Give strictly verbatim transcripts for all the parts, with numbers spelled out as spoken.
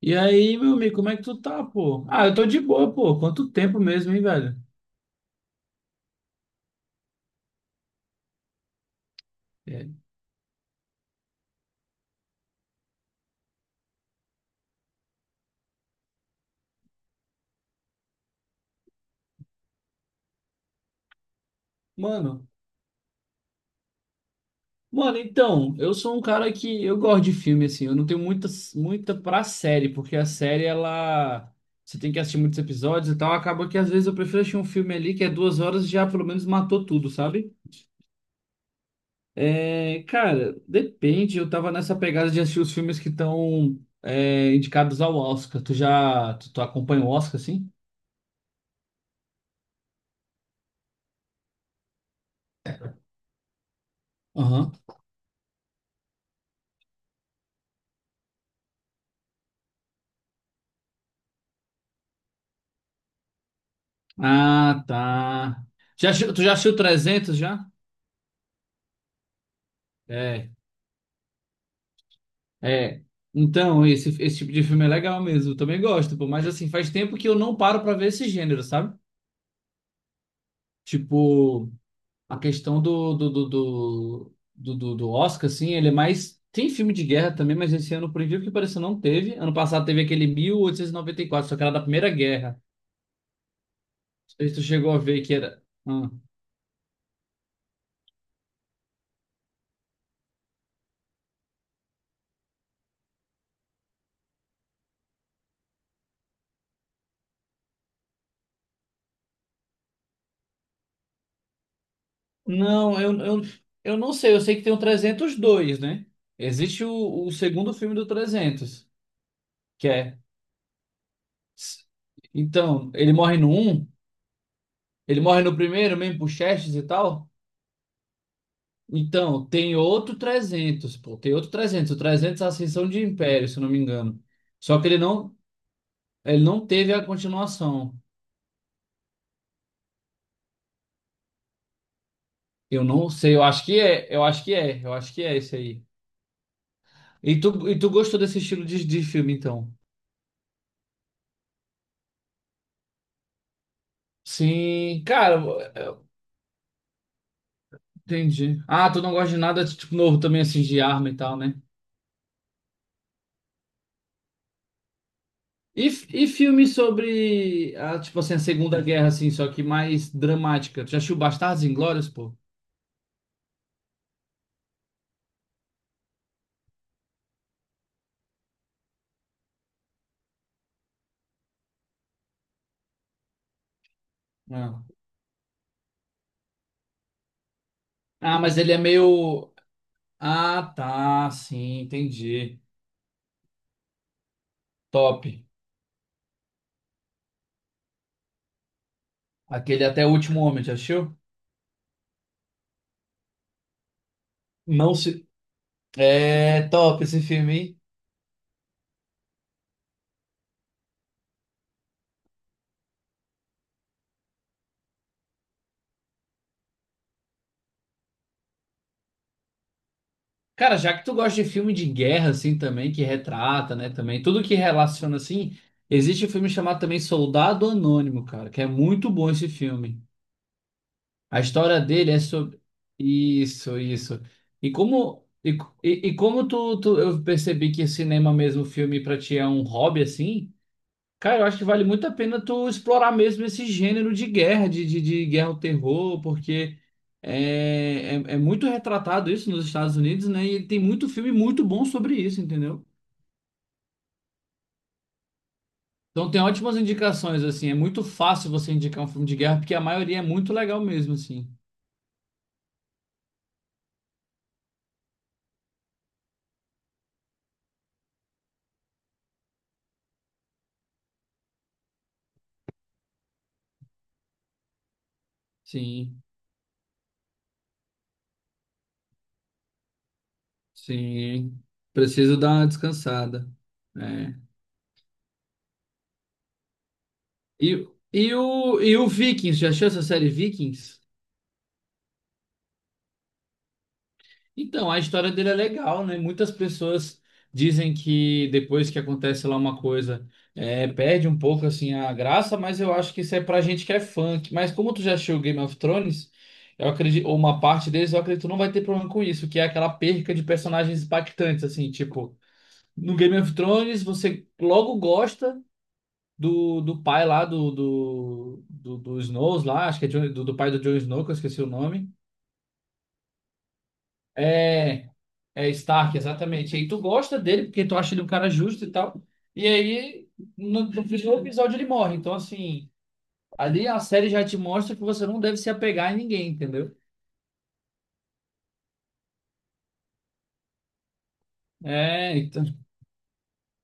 E aí, meu amigo, como é que tu tá, pô? Ah, eu tô de boa, pô. Quanto tempo mesmo, hein, velho? É. Mano, mano, então, eu sou um cara que eu gosto de filme, assim. Eu não tenho muita, muita pra série, porque a série, ela. Você tem que assistir muitos episódios e tal. Acaba que às vezes eu prefiro assistir um filme ali que é duas horas e já pelo menos matou tudo, sabe? É, cara, depende. Eu tava nessa pegada de assistir os filmes que estão indicados ao Oscar. Tu já. Tu, tu acompanha o Oscar, assim? Aham. Ah, tá. Já, assi- tu já assistiu trezentos já? É, é. Então, esse, esse tipo de filme é legal mesmo. Eu também gosto, pô. Mas assim, faz tempo que eu não paro pra ver esse gênero, sabe? Tipo, a questão do, do, do, do, do, do- do Oscar, assim, ele é mais. Tem filme de guerra também, mas esse ano, por incrível que pareça, não teve. Ano passado teve aquele mil oitocentos e e noventa e quatro, só que era da Primeira Guerra. Não sei se tu chegou a ver que era. ah, Não, eu, eu, eu não sei. Eu sei que tem o Trezentos e dois, né? Existe o, o segundo filme do Trezentos, que é. Então, ele morre no um, ele morre no primeiro, mesmo por Xerxes e tal. Então, tem outro Trezentos, pô, tem outro Trezentos. O trezentos é a Ascensão de Império, se eu não me engano. Só que ele não, ele não teve a continuação. Eu não sei, eu acho que é, eu acho que é, eu acho que é esse aí. E tu, e tu gostou desse estilo de, de filme, então? Sim, cara. Entendi. Ah, tu não gosta de nada, tipo, novo também, assim, de arma e tal, né? E, f- e filmes sobre, a, tipo assim, a Segunda Guerra, assim, só que mais dramática. Tu já assistiu Bastardos Inglórios, pô? Não. Ah, mas ele é meio... Ah, tá, sim, entendi. Top. Aquele Até o Último Homem, já assistiu? Não se. É top esse filme, hein? Cara, já que tu gosta de filme de guerra, assim, também, que retrata, né, também, tudo que relaciona, assim, existe um filme chamado também Soldado Anônimo, cara, que é muito bom esse filme. A história dele é sobre... Isso, isso. E como, e, e, e como tu, tu, eu percebi que cinema mesmo, filme pra ti é um hobby, assim. Cara, eu acho que vale muito a pena tu explorar mesmo esse gênero de guerra, de, de, de guerra ao terror, porque é, é, é muito retratado isso nos Estados Unidos, né? E tem muito filme muito bom sobre isso, entendeu? Então tem ótimas indicações, assim. É muito fácil você indicar um filme de guerra, porque a maioria é muito legal mesmo, assim. Sim, sim. Preciso dar uma descansada. É. E, e, o, e o Vikings, já achou essa série Vikings? Então, a história dele é legal, né? Muitas pessoas dizem que depois que acontece lá uma coisa, é, perde um pouco assim a graça, mas eu acho que isso é pra gente que é fã. Que- Mas como tu já assistiu Game of Thrones, eu acredito, ou uma parte deles, eu acredito que não vai ter problema com isso, que é aquela perca de personagens impactantes, assim, tipo, no Game of Thrones você logo gosta do, do pai lá do, do, do, do Snows lá, acho que é Jon- do, do pai do Jon Snow, que eu esqueci o nome. É, É Stark, exatamente. E aí tu gosta dele porque tu acha ele um cara justo e tal. E aí, no, no primeiro episódio ele morre. Então, assim, ali a série já te mostra que você não deve se apegar em ninguém, entendeu? É, então.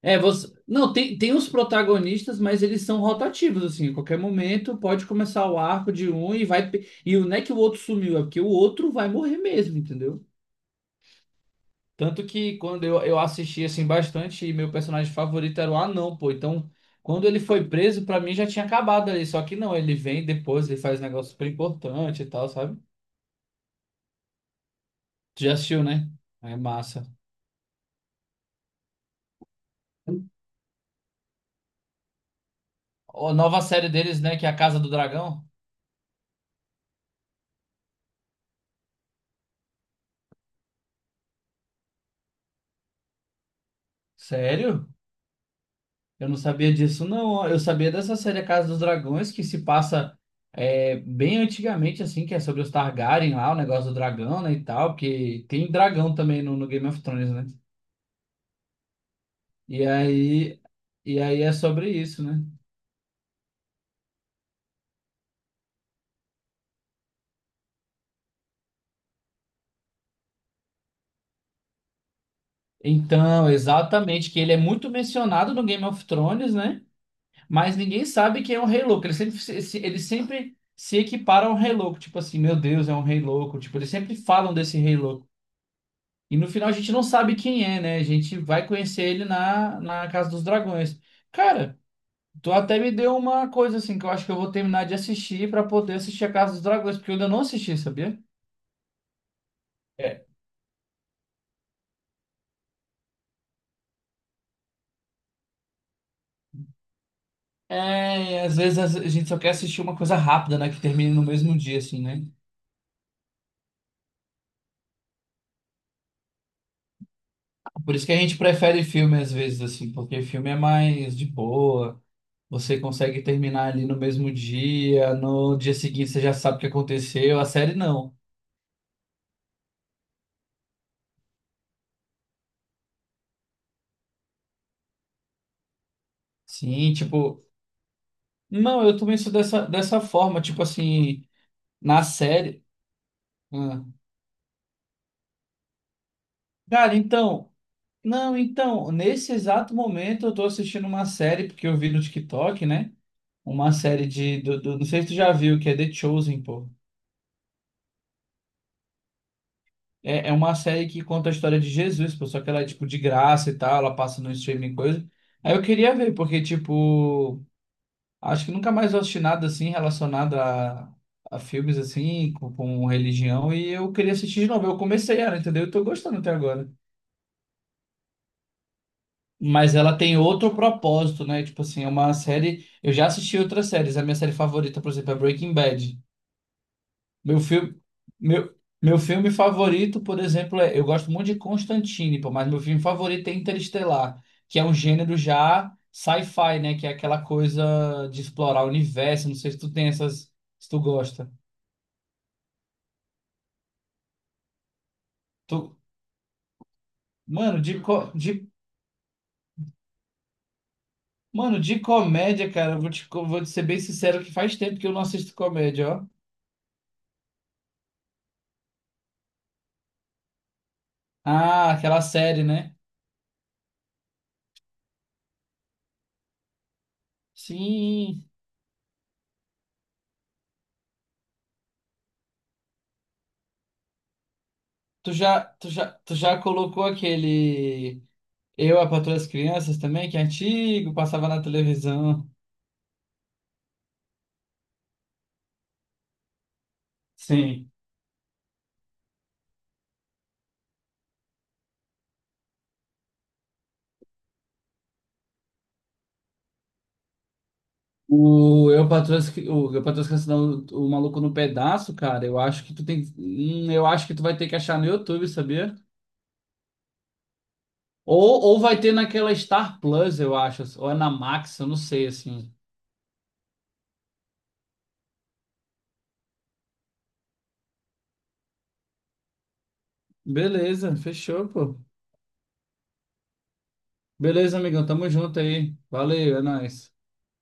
É, você. Não, tem, tem os protagonistas, mas eles são rotativos, assim. A qualquer momento pode começar o arco de um e vai. Pe- E não é que o outro sumiu, é porque o outro vai morrer mesmo, entendeu? Tanto que quando eu, eu assisti assim bastante, e meu personagem favorito era o anão, pô. Então, quando ele foi preso, pra mim já tinha acabado ali. Só que não, ele vem depois, ele faz um negócio super importante e tal, sabe? Tu já assistiu, né? É massa. A nova série deles, né? Que é a Casa do Dragão. Sério? Eu não sabia disso, não. ó. Eu sabia dessa série A Casa dos Dragões, que se passa é, bem antigamente, assim, que é sobre os Targaryen lá, o negócio do dragão, né? E tal, porque tem dragão também no, no Game of Thrones, né? E aí, e aí é sobre isso, né? Então, exatamente, que ele é muito mencionado no Game of Thrones, né? Mas ninguém sabe quem é o Rei Louco. Ele sempre, se- se- ele sempre se equipara ao Rei Louco. Tipo assim, meu Deus, é um Rei Louco. Tipo, eles sempre falam desse Rei Louco. E no final a gente não sabe quem é, né? A gente vai conhecer ele na, na Casa dos Dragões. Cara, tu até me deu uma coisa assim que eu acho que eu vou terminar de assistir pra poder assistir a Casa dos Dragões, porque eu ainda não assisti, sabia? É, e às vezes a gente só quer assistir uma coisa rápida, né? Que termine no mesmo dia, assim, né? Por isso que a gente prefere filme às vezes, assim, porque filme é mais de boa. Você consegue terminar ali no mesmo dia, no dia seguinte você já sabe o que aconteceu. A série não. Sim, tipo, não, eu também sou dessa, dessa forma, tipo assim, na série. Ah, cara, então, não, então, nesse exato momento eu tô assistindo uma série porque eu vi no TikTok, né? Uma série de. Do, do- não sei se tu já viu, que é The Chosen, pô. É, é uma série que conta a história de Jesus, pô. Só que ela é, tipo, de graça e tal. Ela passa no streaming e coisa. Aí eu queria ver, porque, tipo. Acho que nunca mais eu assisti nada assim relacionado a, a filmes assim, com, com religião. E eu queria assistir de novo. Eu comecei ela, entendeu? Eu tô gostando até agora. Mas ela tem outro propósito, né? Tipo assim, é uma série. Eu já assisti outras séries. A minha série favorita, por exemplo, é Breaking Bad. Meu filme, meu, meu filme favorito, por exemplo, é, eu gosto muito de Constantine, pô, mas meu filme favorito é Interestelar, que é um gênero já sci-fi, né? Que é aquela coisa de explorar o universo. Não sei se tu tem essas, se tu gosta. Tu, mano, de, co- de, mano, de comédia, cara, eu vou te, co- vou te ser bem sincero que faz tempo que eu não assisto comédia, ó. Ah, aquela série, né? Sim. Tu já, tu já, tu já colocou aquele. Eu, a Patroa das Crianças também, que é antigo, passava na televisão. Sim. O Eu, a Patroa das, Cri- o, eu, a Patroa das Crianças, não, o Maluco no Pedaço, cara, eu acho que tu tem, hum, eu acho que tu vai ter que achar no YouTube, sabia? Ou, ou vai ter naquela Star Plus, eu acho, ou é na Max, eu não sei, assim. Beleza, fechou, pô. Beleza, amigão, tamo junto aí. Valeu, é nóis.